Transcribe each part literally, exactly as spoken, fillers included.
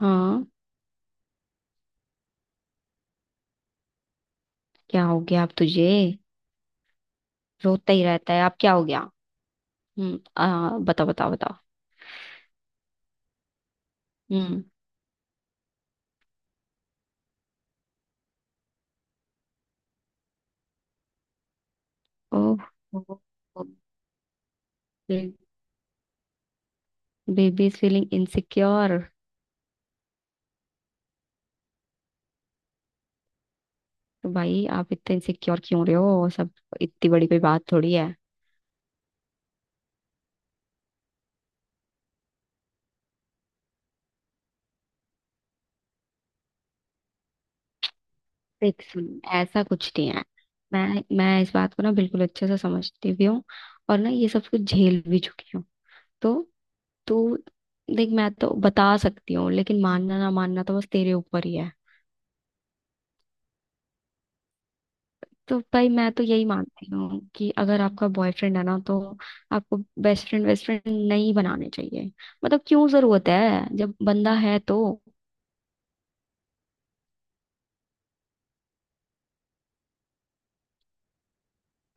हाँ। क्या हो गया आप तुझे? रोता ही रहता है आप, क्या हो गया? हम्म, आ, बताओ बताओ बताओ। Hmm. Oh. Baby is feeling insecure. तो भाई आप इतने इनसिक्योर क्यों रहे हो? सब, इतनी बड़ी कोई बात थोड़ी है। देख, सुन, ऐसा कुछ नहीं है। मैं मैं इस बात को ना बिल्कुल अच्छे से समझती भी हूँ और ना ये सब कुछ झेल भी चुकी हूँ। तो तू देख, मैं तो बता सकती हूँ लेकिन मानना ना मानना तो बस तेरे ऊपर ही है। तो भाई मैं तो यही मानती हूँ कि अगर आपका बॉयफ्रेंड है ना तो आपको बेस्ट फ्रेंड बेस्ट फ्रेंड नहीं बनाने चाहिए। मतलब क्यों जरूरत है जब बंदा है तो।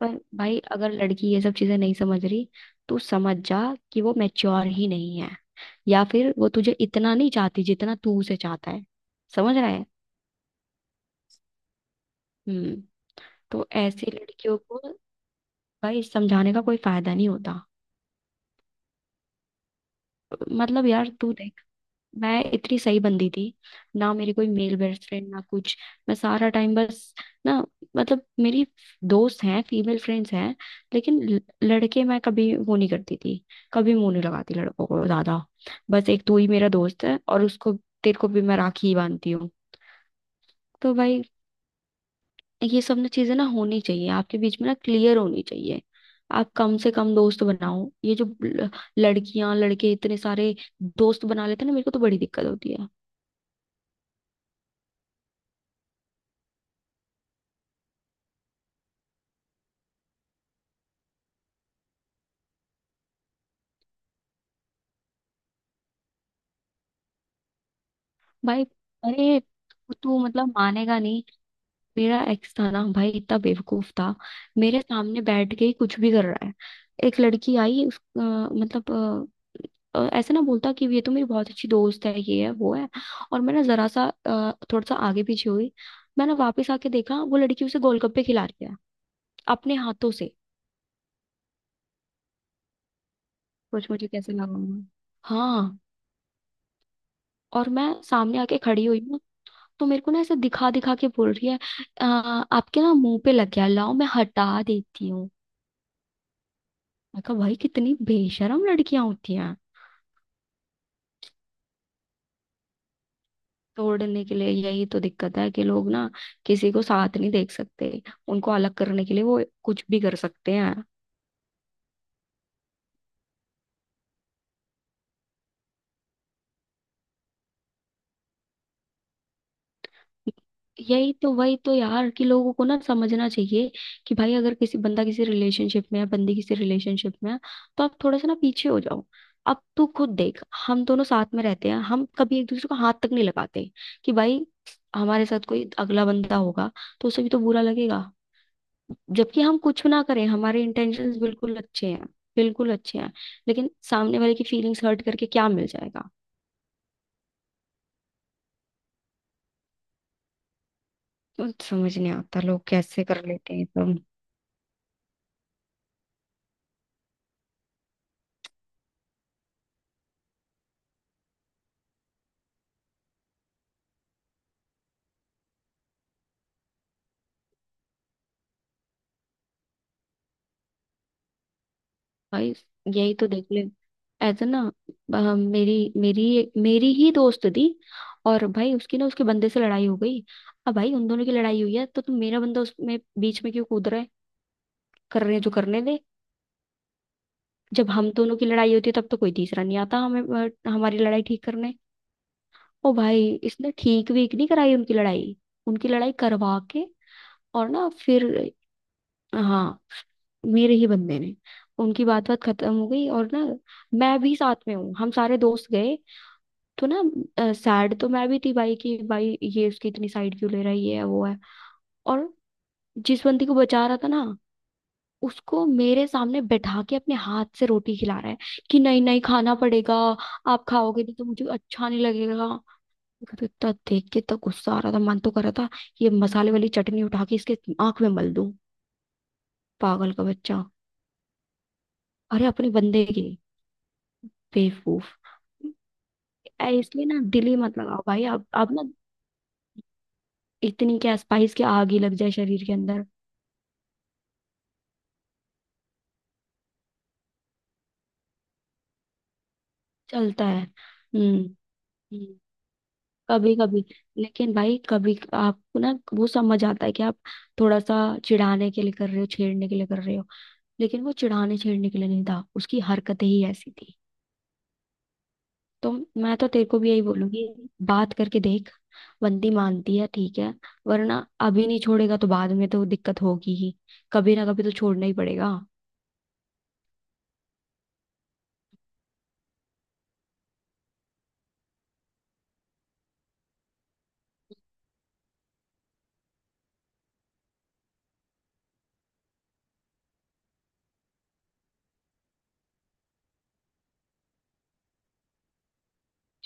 पर भाई अगर लड़की ये सब चीजें नहीं समझ रही तो समझ जा कि वो मैच्योर ही नहीं है, या फिर वो तुझे इतना नहीं चाहती जितना तू उसे चाहता है। समझ रहा है? हम्म। तो ऐसी लड़कियों को भाई समझाने का कोई फायदा नहीं होता। मतलब यार तू देख, मैं इतनी सही बंदी थी, ना मेरी कोई मेल बेस्ट फ्रेंड ना कुछ। मैं सारा टाइम बस, ना, मतलब मेरी दोस्त हैं, फीमेल फ्रेंड्स हैं, लेकिन ल- लड़के मैं कभी वो नहीं करती थी। कभी मुंह नहीं लगाती लड़कों को ज्यादा। बस एक तू ही मेरा दोस्त है, और उसको तेरे को भी मैं राखी ही बांधती हूँ। तो भाई ये सब ना चीजें ना होनी चाहिए, आपके बीच में ना क्लियर होनी चाहिए। आप कम से कम दोस्त बनाओ, ये जो ल- लड़कियां लड़के इतने सारे दोस्त बना लेते हैं ना, मेरे को तो बड़ी दिक्कत होती है। भाई, अरे, तू मतलब मानेगा नहीं। मेरा एक्स था ना भाई, इतना बेवकूफ था। मेरे सामने बैठ के ही कुछ भी कर रहा है। एक लड़की आई उस अ, मतलब, अ, अ, ऐसा ना बोलता कि ये तो मेरी बहुत अच्छी दोस्त है, ये है वो है। और मैं ना जरा सा अ, थोड़ा सा आगे पीछे हुई। मैंने वापस आके देखा वो लड़की उसे गोलगप्पे खिला रही है अपने हाथों से। सोच मुझे कैसे लगा होगा। हाँ। और मैं सामने आके खड़ी हुई, तो मेरे को ना ऐसे दिखा दिखा के बोल रही है, "अ, आपके ना मुंह पे लग गया, लाओ मैं हटा देती हूँ।" मैं कहा भाई, कितनी बेशरम लड़कियां होती हैं। तोड़ने के लिए, यही तो दिक्कत है कि लोग ना किसी को साथ नहीं देख सकते, उनको अलग करने के लिए वो कुछ भी कर सकते हैं। यही तो, वही तो यार, कि लोगों को ना समझना चाहिए कि भाई अगर किसी बंदा किसी रिलेशनशिप में है, बंदी किसी रिलेशनशिप में है, तो आप थोड़ा सा ना पीछे हो जाओ। अब तू खुद देख, हम दोनों साथ में रहते हैं, हम कभी एक दूसरे को हाथ तक नहीं लगाते, कि भाई हमारे साथ कोई अगला बंदा होगा तो उसे भी तो बुरा लगेगा। जबकि हम कुछ ना करें, हमारे इंटेंशंस बिल्कुल अच्छे हैं, बिल्कुल अच्छे हैं। लेकिन सामने वाले की फीलिंग्स हर्ट करके क्या मिल जाएगा? तो समझ नहीं आता लोग कैसे कर लेते हैं ये सब। भाई यही तो देख ले, ऐसा ना, अ, मेरी मेरी मेरी ही दोस्त थी, और भाई उसकी ना उसके बंदे से लड़ाई हो गई। अब भाई उन दोनों की लड़ाई हुई है तो तुम, मेरा बंदा उसमें बीच में क्यों कूद रहा है? कर रहे हैं, जो करने दे। जब हम दोनों की लड़ाई होती है तब तो कोई तीसरा नहीं आता हमें अ, हमारी लड़ाई ठीक करने। ओ भाई, इसने ठीक वीक नहीं कराई उनकी लड़ाई, उनकी लड़ाई करवा के, और ना फिर, हाँ, मेरे ही बंदे ने, उनकी बात बात खत्म हो गई और ना, मैं भी साथ में हूँ, हम सारे दोस्त गए, तो ना सैड तो मैं भी थी भाई, कि भाई ये उसकी इतनी साइड क्यों ले रहा है, ये है वो है। और जिस बंदी को बचा रहा था ना, उसको मेरे सामने बैठा के अपने हाथ से रोटी खिला रहा है कि नहीं नहीं, खाना पड़ेगा, आप खाओगे नहीं तो मुझे अच्छा नहीं लगेगा। मेरे को तो इतना देख के इतना गुस्सा आ रहा था, मन तो कर रहा था ये मसाले वाली चटनी उठा के इसके आंख में मल दूं, पागल का बच्चा। अरे अपने बंदे के, बेवकूफ। ऐ- इसलिए ना दिल ही मत लगाओ भाई, आप आप ना, इतनी क्या स्पाइस के आग ही लग जाए शरीर के अंदर। चलता है। हम्म, हम्म, कभी कभी। लेकिन भाई कभी आपको ना वो समझ आता है कि आप थोड़ा सा चिढ़ाने के लिए कर रहे हो, छेड़ने के लिए कर रहे हो, लेकिन वो चिढ़ाने छेड़ने के लिए नहीं था, उसकी हरकतें ही ऐसी थी। तो मैं तो तेरे को भी यही बोलूंगी, बात करके देख। बंदी मानती है, ठीक है, वरना अभी नहीं छोड़ेगा तो बाद में तो दिक्कत होगी ही। कभी ना कभी तो छोड़ना ही पड़ेगा।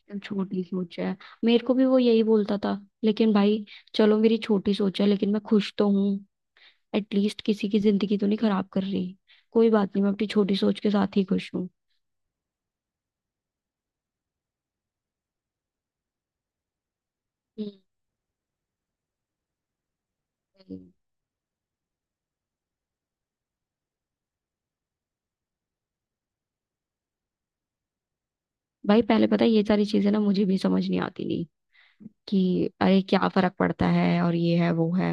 एकदम छोटी सोच है, मेरे को भी वो यही बोलता था, लेकिन भाई, चलो मेरी छोटी सोच है लेकिन मैं खुश तो हूँ। एटलीस्ट किसी की जिंदगी तो नहीं खराब कर रही। कोई बात नहीं, मैं अपनी छोटी सोच के साथ ही खुश हूँ। हम्म। भाई पहले, पता है, ये सारी चीजें ना मुझे भी समझ नहीं आती थी कि अरे क्या फर्क पड़ता है, और ये है वो है,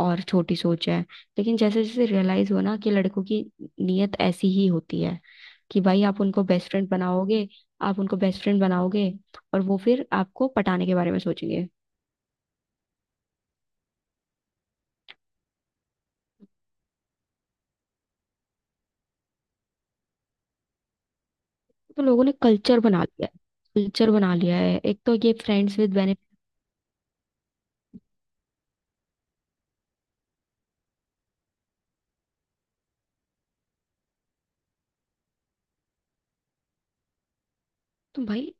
और छोटी सोच है। लेकिन जैसे जैसे रियलाइज हुआ ना कि लड़कों की नीयत ऐसी ही होती है, कि भाई आप उनको बेस्ट फ्रेंड बनाओगे, आप उनको बेस्ट फ्रेंड बनाओगे और वो फिर आपको पटाने के बारे में सोचेंगे। तो लोगों ने कल्चर बना लिया है, कल्चर बना लिया है, एक तो ये फ्रेंड्स विद बेनिफिट। तो भाई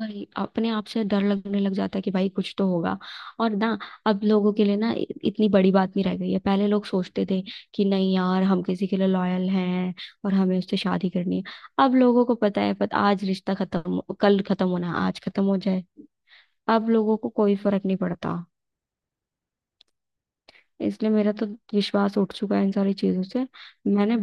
वही अपने आप से डर लगने लग जाता है कि भाई कुछ तो होगा। और ना, अब लोगों के लिए ना इ- इतनी बड़ी बात नहीं रह गई है। पहले लोग सोचते थे कि नहीं यार, हम किसी के लिए लॉयल हैं और हमें उससे शादी करनी है। अब लोगों को पता है, पता, आज रिश्ता खत्म हो- कल खत्म होना है, आज खत्म हो जाए। अब लोगों को कोई फर्क नहीं पड़ता। इसलिए मेरा तो विश्वास उठ चुका है इन सारी चीजों से। मैंने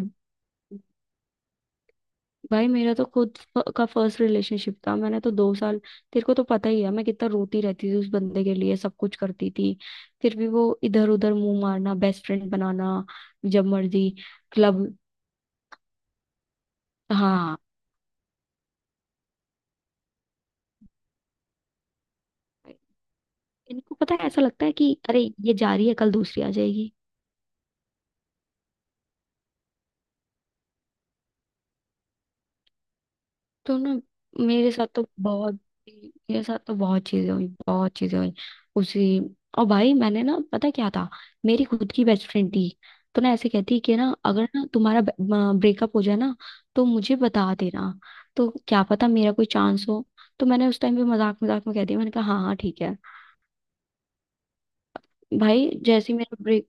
भाई मेरा तो खुद फ- का फर्स्ट रिलेशनशिप था, मैंने तो दो साल, तेरे को तो पता ही है मैं कितना रोती रहती थी उस बंदे के लिए, सब कुछ करती थी। फिर भी वो इधर उधर मुंह मारना, बेस्ट फ्रेंड बनाना, जब मर्जी क्लब। हाँ, इनको पता है, ऐसा लगता है कि अरे ये जा रही है, कल दूसरी आ जाएगी। तो ना, मेरे साथ तो बहुत मेरे साथ तो बहुत चीजें हुई, बहुत चीजें हुई उसी। और भाई मैंने ना, पता क्या था, मेरी खुद की बेस्ट फ्रेंड थी, तो ना ऐसे कहती कि ना अगर ना तुम्हारा ब्रेकअप हो जाए ना तो मुझे बता देना, तो क्या पता मेरा कोई चांस हो। तो मैंने उस टाइम पे मजाक मजाक में कह दिया, मैंने कहा हाँ हाँ ठीक है। भाई जैसे ही मेरा ब्रेक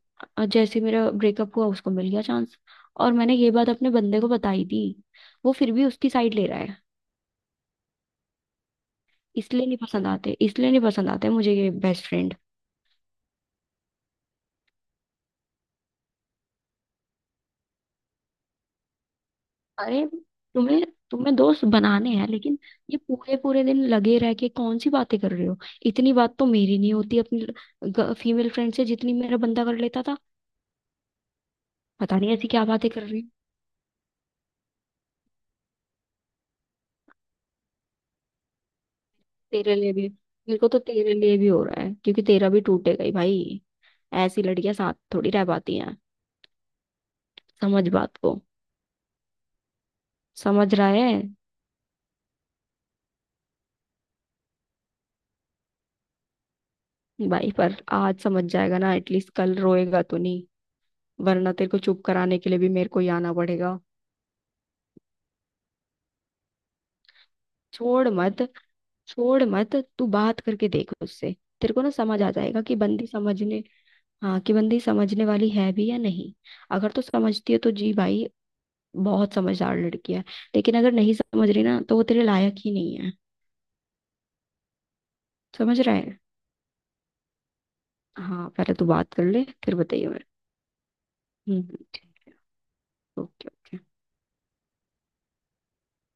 जैसे ही मेरा ब्रेकअप हुआ, उसको मिल गया चांस। और मैंने ये बात अपने बंदे को बताई थी, वो फिर भी उसकी साइड ले रहा है। इसलिए नहीं पसंद आते, इसलिए नहीं पसंद आते मुझे ये बेस्ट फ्रेंड। अरे, तुम्हें तुम्हें दोस्त बनाने हैं, लेकिन ये पूरे पूरे दिन लगे रह के कौन सी बातें कर रहे हो? इतनी बात तो मेरी नहीं होती अपनी फीमेल फ्रेंड से जितनी मेरा बंदा कर लेता था। पता नहीं ऐसी क्या बातें कर रही हो। तेरे लिए भी, मेरे को तो तेरे लिए भी हो रहा है, क्योंकि तेरा भी टूटेगा ही भाई। ऐसी लड़कियां साथ थोड़ी रह पाती हैं। समझ बात को। समझ रहा है? भाई पर आज समझ जाएगा ना, एटलीस्ट कल रोएगा तो नहीं, वरना तेरे को चुप कराने के लिए भी मेरे को ही आना पड़ेगा। छोड़ मत, छोड़ मत, तू बात करके देख उससे। तेरे को ना समझ आ जाएगा कि बंदी समझने, हाँ, कि बंदी समझने वाली है भी या नहीं। अगर तो समझती है तो जी भाई, बहुत समझदार लड़की है, लेकिन अगर नहीं समझ रही ना तो वो तेरे लायक ही नहीं है। समझ रहा है? हाँ, पहले तू बात कर ले फिर बताइए मेरे। हम्म। Okay, okay.